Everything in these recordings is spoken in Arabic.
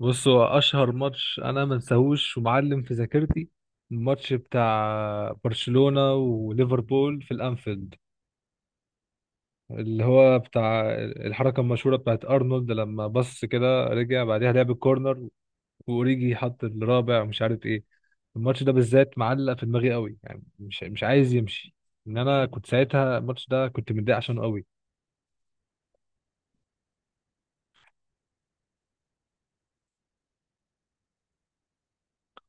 بصوا، اشهر ماتش انا ما انساهوش ومعلم في ذاكرتي، الماتش بتاع برشلونة وليفربول في الانفيلد، اللي هو بتاع الحركة المشهورة بتاعت ارنولد لما بص كده رجع بعدها لعب الكورنر، واوريجي حط الرابع ومش عارف ايه. الماتش ده بالذات معلق في دماغي قوي، يعني مش عايز يمشي. ان انا كنت ساعتها الماتش ده كنت متضايق عشانه قوي.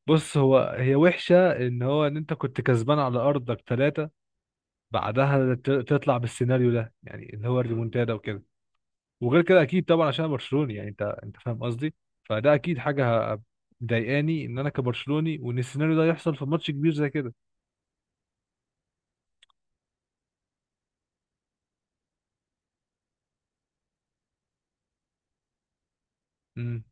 بص، هو هي وحشة ان هو ان انت كنت كسبان على ارضك ثلاثة، بعدها تطلع بالسيناريو ده، يعني اللي هو الريمونتادا وكده. وغير كده اكيد طبعا، عشان أنا برشلوني، يعني انت فاهم قصدي. فده اكيد حاجه مضايقاني، ان انا كبرشلوني وان السيناريو ده يحصل في ماتش كبير زي كده. امم،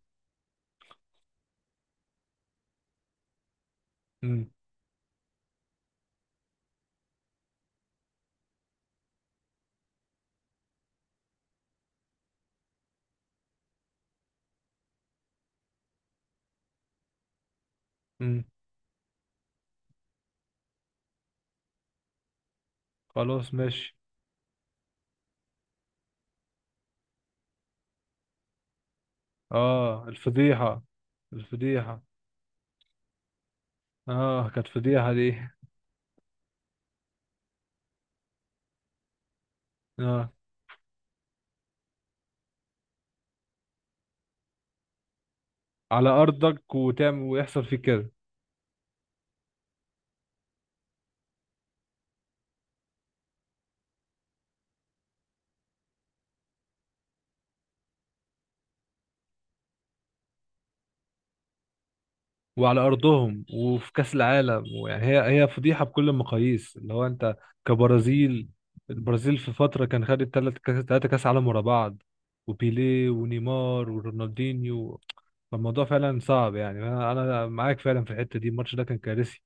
امم، امم. خلاص ماشي. اه، الفضيحه. الفضيحه. اه كانت فضيحه دي. اه، على ارضك وتعمل ويحصل فيك كده. وعلى ارضهم وفي كاس العالم، ويعني هي فضيحه بكل المقاييس، اللي هو انت كبرازيل. البرازيل في فتره كان خدت ثلاثه كاس عالم ورا بعض، وبيليه ونيمار ورونالدينيو. فالموضوع فعلا صعب، يعني انا معاك فعلا في الحته دي، الماتش ده كان كارثي.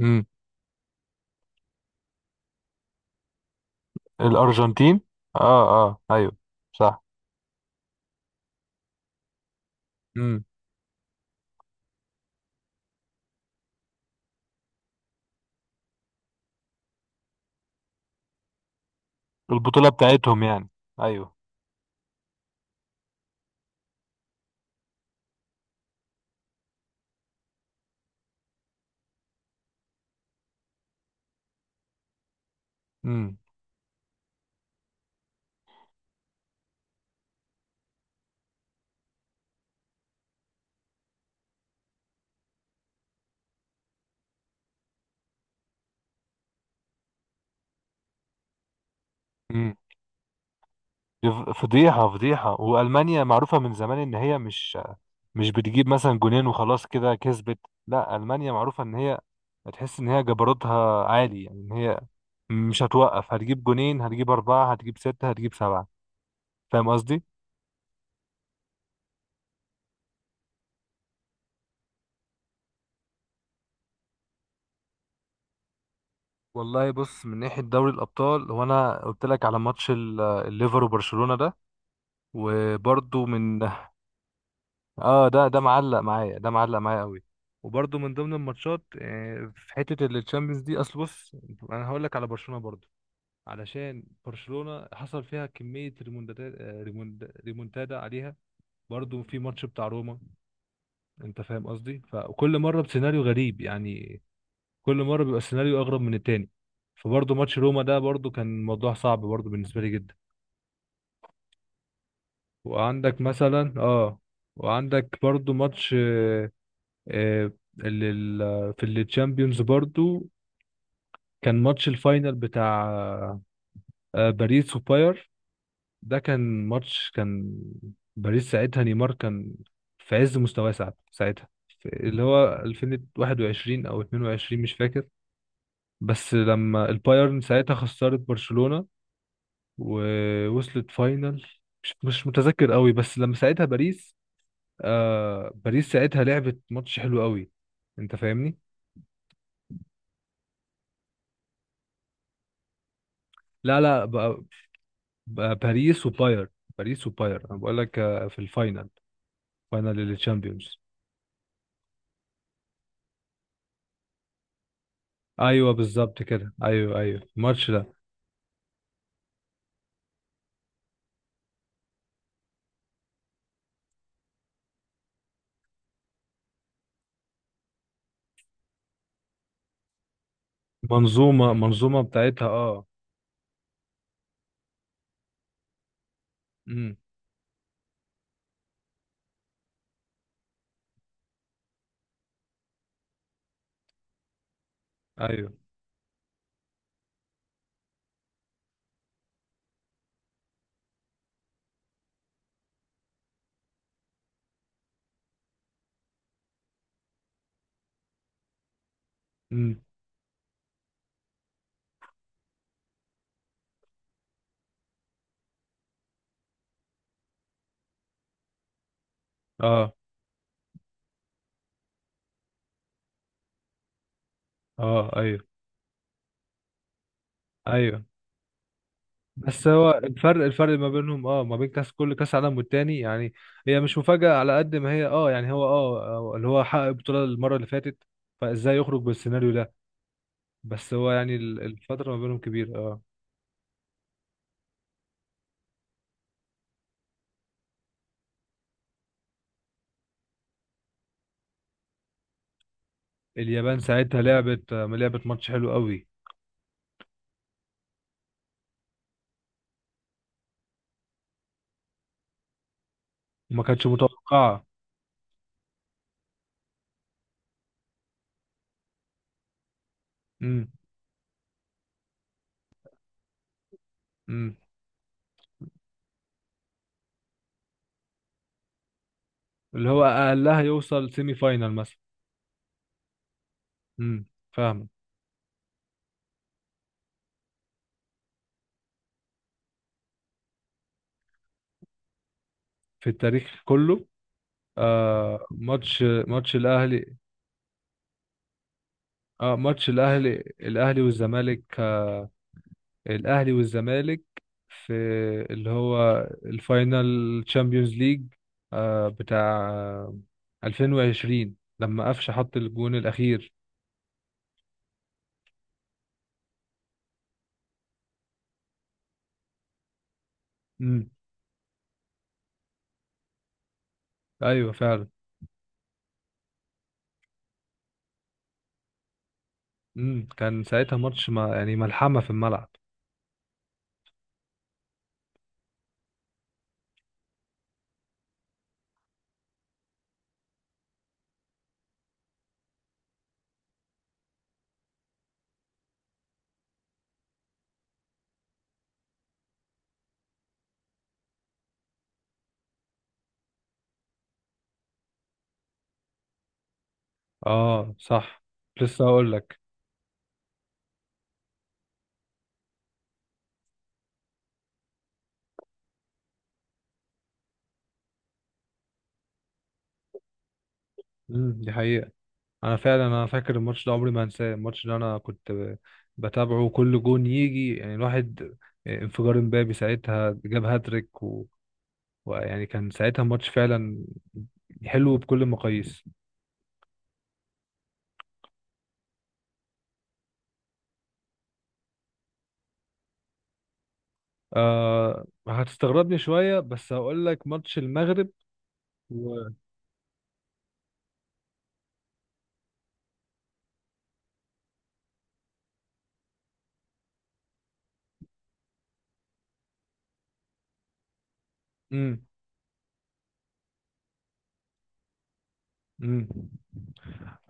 امم. الارجنتين. اه. اه ايوه. صح. امم. البطوله بتاعتهم يعني. ايوه امم يف- فضيحة فضيحة وألمانيا معروفة من زمان إن هي مش مش بتجيب مثلا جونين وخلاص كده كسبت لا ألمانيا معروفة إن هي هتحس إن هي جبروتها عالي يعني إن هي مش هتوقف هتجيب جونين هتجيب أربعة هتجيب ستة هتجيب سبعة فاهم قصدي؟ والله بص من ناحية دوري الأبطال هو أنا قلت لك على ماتش ال- الليفر وبرشلونة ده وبرضه من اه ده ده معلق معايا ده معلق معايا قوي وبرده من ضمن الماتشات آه، في حته الشامبيونز دي اصل بص انا هقول لك على برشلونه برضو علشان برشلونه حصل فيها كميه ريمونتادا ريمونتادا عليها برضو في ماتش بتاع روما انت فاهم قصدي فكل مره بسيناريو غريب يعني كل مره بيبقى السيناريو اغرب من التاني فبرضو ماتش روما ده برضو كان موضوع صعب برضو بالنسبه لي جدا وعندك مثلا اه وعندك برضو ماتش آه، ال- ال- في التشامبيونز برضو كان ماتش الفاينل بتاع آه، باريس وباير ده كان ماتش كان باريس ساعتها نيمار كان في عز مستواه ساعتها ساعتها في- اللي هو 2021 او 22 مش فاكر بس لما البايرن ساعتها خسرت برشلونة ووصلت فاينل مش مش متذكر قوي بس لما ساعتها باريس آه باريس ساعتها لعبت ماتش حلو قوي انت فاهمني لا لا بقى باريس وباير باريس وباير انا بقول لك آه، في الفاينل فاينل للتشامبيونز ايوه بالظبط كده ايوه ايوه الماتش ده منظومه منظومه بتاعتها اه امم ايوه. امم. اه. اه ايوه. ايوه. بس هو الفرق ما بينهم، اه، ما بين كل كاس عالم والتاني، يعني هي مش مفاجاه على قد ما هي، اه يعني هو، اه، اللي هو حقق البطوله المره اللي فاتت، فازاي يخرج بالسيناريو ده؟ بس هو يعني الفتره ما بينهم كبيره، اه. اليابان ساعتها لعبت ماتش حلو قوي. وما كانتش متوقعة. امم. امم. اللي هو اقلها يوصل سيمي فاينال مثلا. امم. فاهم. في التاريخ كله. ماتش الاهلي. اه، ماتش الاهلي. الاهلي والزمالك، الاهلي والزمالك، في اللي هو الفاينال، تشامبيونز ليج، بتاع 2020، لما قفشه حط الجون الاخير. امم. ايوه فعلا. امم، كان ساعتها ماتش، ما يعني، ملحمة في الملعب. اه صح. لسه هقول لك. امم، دي حقيقة. انا فعلا فاكر الماتش ده، عمري ما هنساه الماتش ده، انا كنت بتابعه كل جون يجي، يعني الواحد، انفجار امبابي ساعتها، جاب هاتريك ويعني كان ساعتها الماتش فعلا حلو بكل المقاييس. هتستغربني شوية بس هقول لك ماتش المغرب و... مم. امم.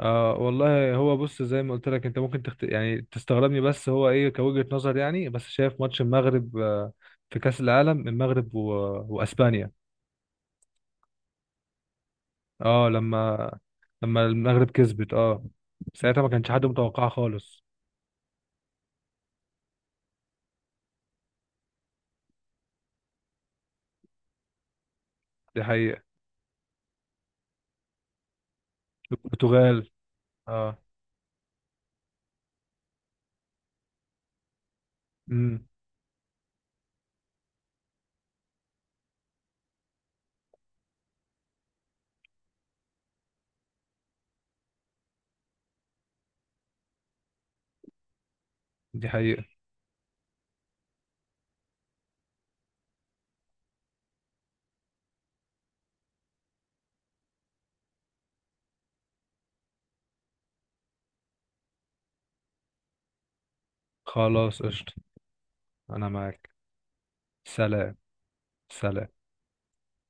والله هو بص، زي ما قلت لك، انت ممكن يعني تستغربني، بس هو ايه كوجهة نظر، يعني بس شايف ماتش المغرب، في كأس العالم، المغرب واسبانيا. اه لما، لما المغرب كسبت، اه، ساعتها ما كانش حد متوقعها خالص. دي حقيقة. البرتغال. اه. امم، دي حقيقة. خلاص قشطة. انا معاك. سلام. سلام.